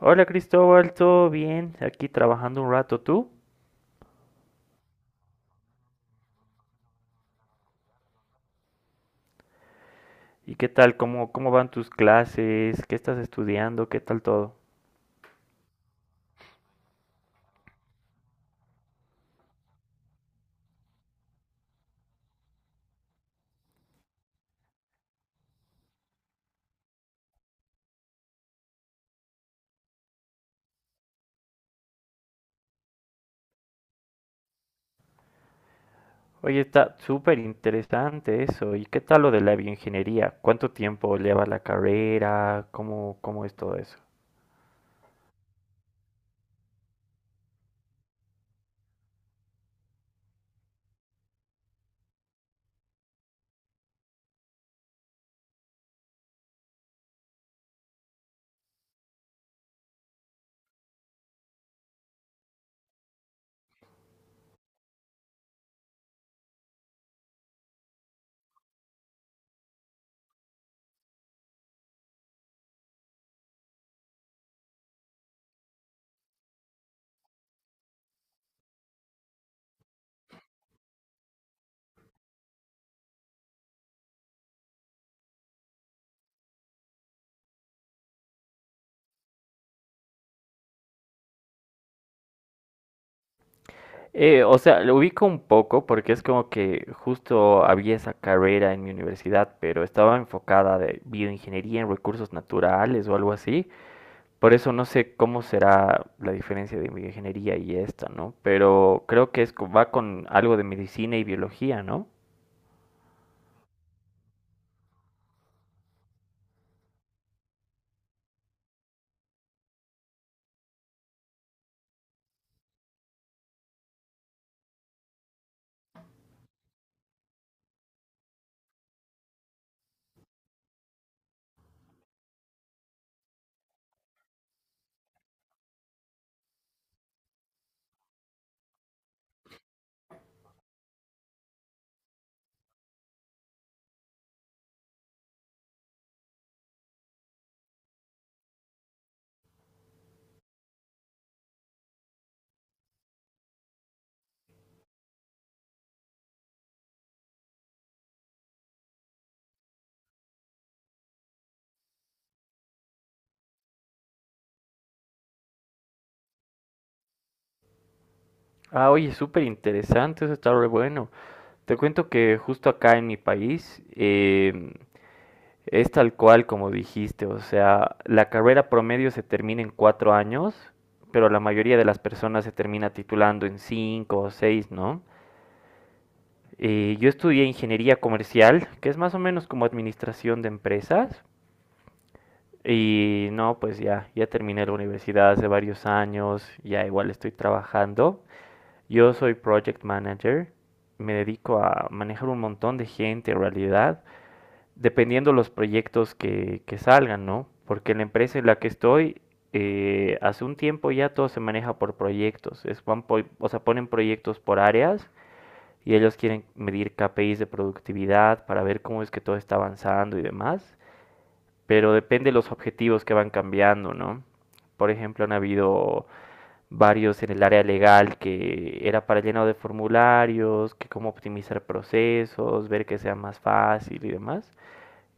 Hola Cristóbal, ¿todo bien? Aquí trabajando un rato tú. ¿Y qué tal? ¿Cómo van tus clases? ¿Qué estás estudiando? ¿Qué tal todo? Oye, está súper interesante eso. ¿Y qué tal lo de la bioingeniería? ¿Cuánto tiempo lleva la carrera? ¿Cómo es todo eso? O sea, lo ubico un poco porque es como que justo había esa carrera en mi universidad, pero estaba enfocada de bioingeniería en recursos naturales o algo así. Por eso no sé cómo será la diferencia de bioingeniería y esta, ¿no? Pero creo que es, va con algo de medicina y biología, ¿no? Ah, oye, súper interesante, eso está re bueno. Te cuento que justo acá en mi país es tal cual como dijiste, o sea, la carrera promedio se termina en 4 años, pero la mayoría de las personas se termina titulando en 5 o 6, ¿no? Yo estudié ingeniería comercial, que es más o menos como administración de empresas. Y no, pues ya terminé la universidad hace varios años, ya igual estoy trabajando. Yo soy project manager, me dedico a manejar un montón de gente en realidad, dependiendo los proyectos que salgan, ¿no? Porque la empresa en la que estoy, hace un tiempo ya todo se maneja por proyectos, o sea, ponen proyectos por áreas y ellos quieren medir KPIs de productividad para ver cómo es que todo está avanzando y demás, pero depende de los objetivos que van cambiando, ¿no? Por ejemplo, han habido varios en el área legal que era para el de formularios, que cómo optimizar procesos, ver que sea más fácil y demás.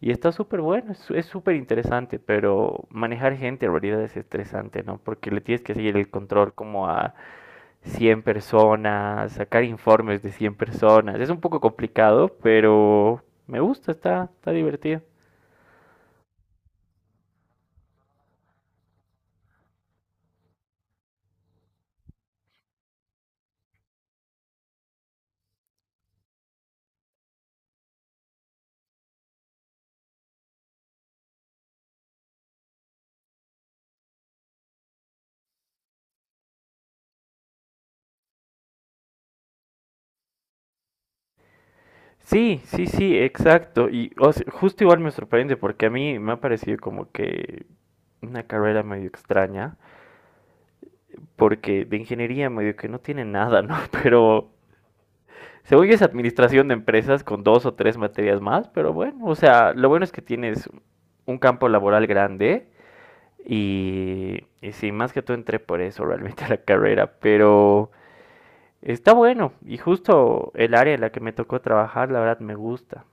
Y está súper bueno, es súper interesante, pero manejar gente en realidad es estresante, ¿no? Porque le tienes que seguir el control como a 100 personas, sacar informes de 100 personas. Es un poco complicado, pero me gusta, está divertido. Sí, sí, sí, exacto. Y o sea, justo igual me sorprende porque a mí me ha parecido como que una carrera medio extraña, porque de ingeniería medio que no tiene nada, ¿no? Pero según yo es administración de empresas con dos o tres materias más, pero bueno, o sea, lo bueno es que tienes un campo laboral grande y sí, más que todo entré por eso realmente a la carrera, pero está bueno y justo el área en la que me tocó trabajar, la verdad me gusta.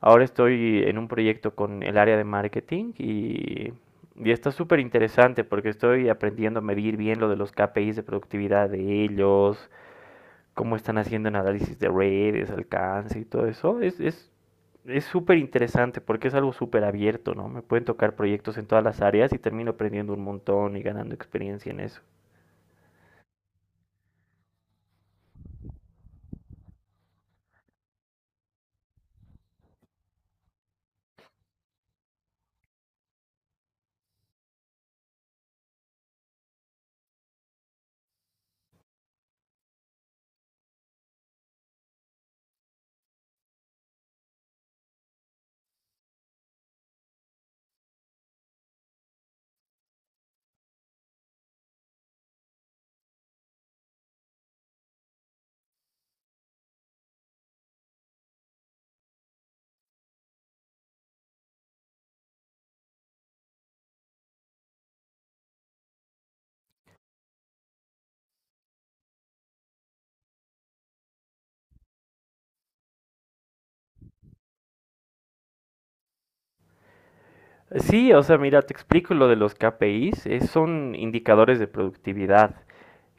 Ahora estoy en un proyecto con el área de marketing y está súper interesante porque estoy aprendiendo a medir bien lo de los KPIs de productividad de ellos, cómo están haciendo en análisis de redes, alcance y todo eso. Es súper interesante porque es algo súper abierto, ¿no? Me pueden tocar proyectos en todas las áreas y termino aprendiendo un montón y ganando experiencia en eso. Sí, o sea, mira, te explico lo de los KPIs. Es- son indicadores de productividad,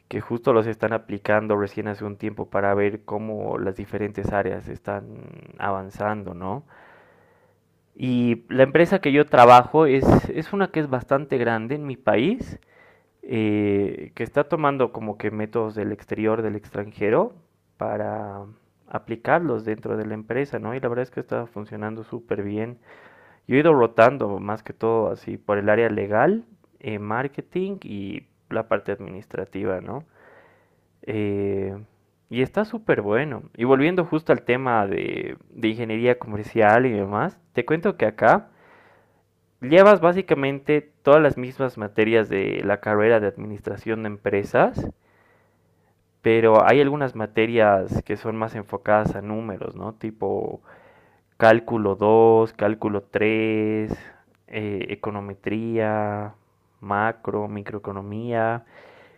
que justo los están aplicando recién hace un tiempo para ver cómo las diferentes áreas están avanzando, ¿no? Y la empresa que yo trabajo es una que es bastante grande en mi país, que está tomando como que métodos del exterior, del extranjero, para aplicarlos dentro de la empresa, ¿no? Y la verdad es que está funcionando súper bien. Yo he ido rotando más que todo así por el área legal, marketing y la parte administrativa, ¿no? Eh, y está súper bueno. Y volviendo justo al tema de ingeniería comercial y demás, te cuento que acá llevas básicamente todas las mismas materias de la carrera de administración de empresas, pero hay algunas materias que son más enfocadas a números, ¿no? Tipo cálculo 2, cálculo 3, econometría, macro, microeconomía.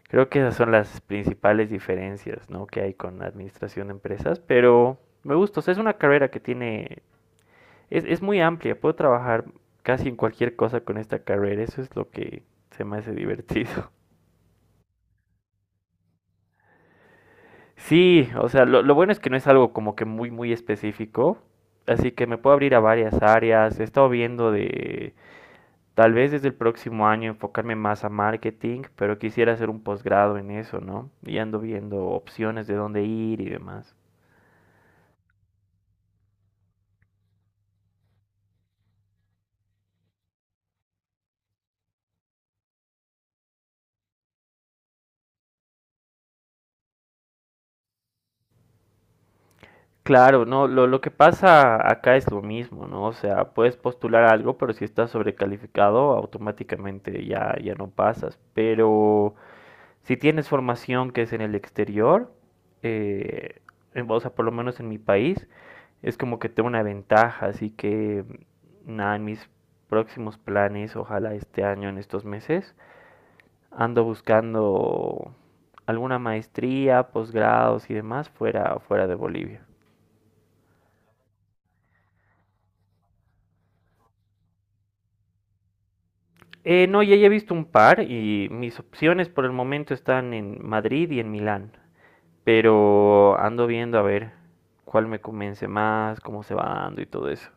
Creo que esas son las principales diferencias, ¿no?, que hay con la administración de empresas, pero me gusta, o sea, es una carrera que tiene, es muy amplia, puedo trabajar casi en cualquier cosa con esta carrera, eso es lo que se me hace divertido. Sí, o sea, lo bueno es que no es algo como que muy, muy específico, así que me puedo abrir a varias áreas, he estado viendo tal vez desde el próximo año enfocarme más a marketing, pero quisiera hacer un posgrado en eso, ¿no? Y ando viendo opciones de dónde ir y demás. Claro, no, lo que pasa acá es lo mismo, ¿no? O sea, puedes postular algo, pero si estás sobrecalificado, automáticamente ya no pasas. Pero si tienes formación que es en el exterior, eh, o sea, por lo menos en mi país, es como que tengo una ventaja. Así que, nada, en mis próximos planes, ojalá este año, en estos meses, ando buscando alguna maestría, posgrados y demás fuera, fuera de Bolivia. No, ya he visto un par y mis opciones por el momento están en Madrid y en Milán. Pero ando viendo a ver cuál me convence más, cómo se va dando y todo eso.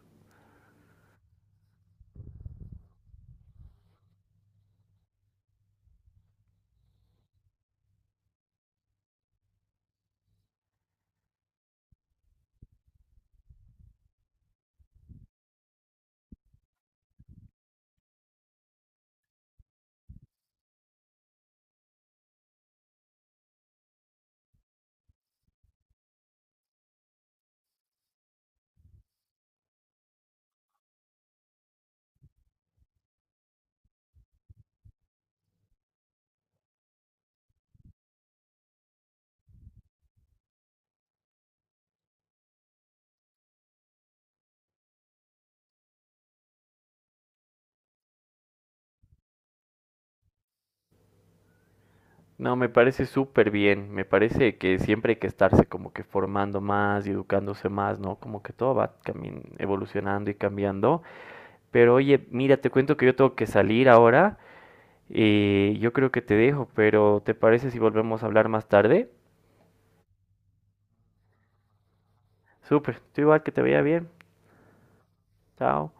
No, me parece súper bien. Me parece que siempre hay que estarse como que formando más y educándose más, ¿no? Como que todo va evolucionando y cambiando. Pero oye, mira, te cuento que yo tengo que salir ahora. Yo creo que te dejo, pero ¿te parece si volvemos a hablar más tarde? Súper, tú igual que te vaya bien. Chao.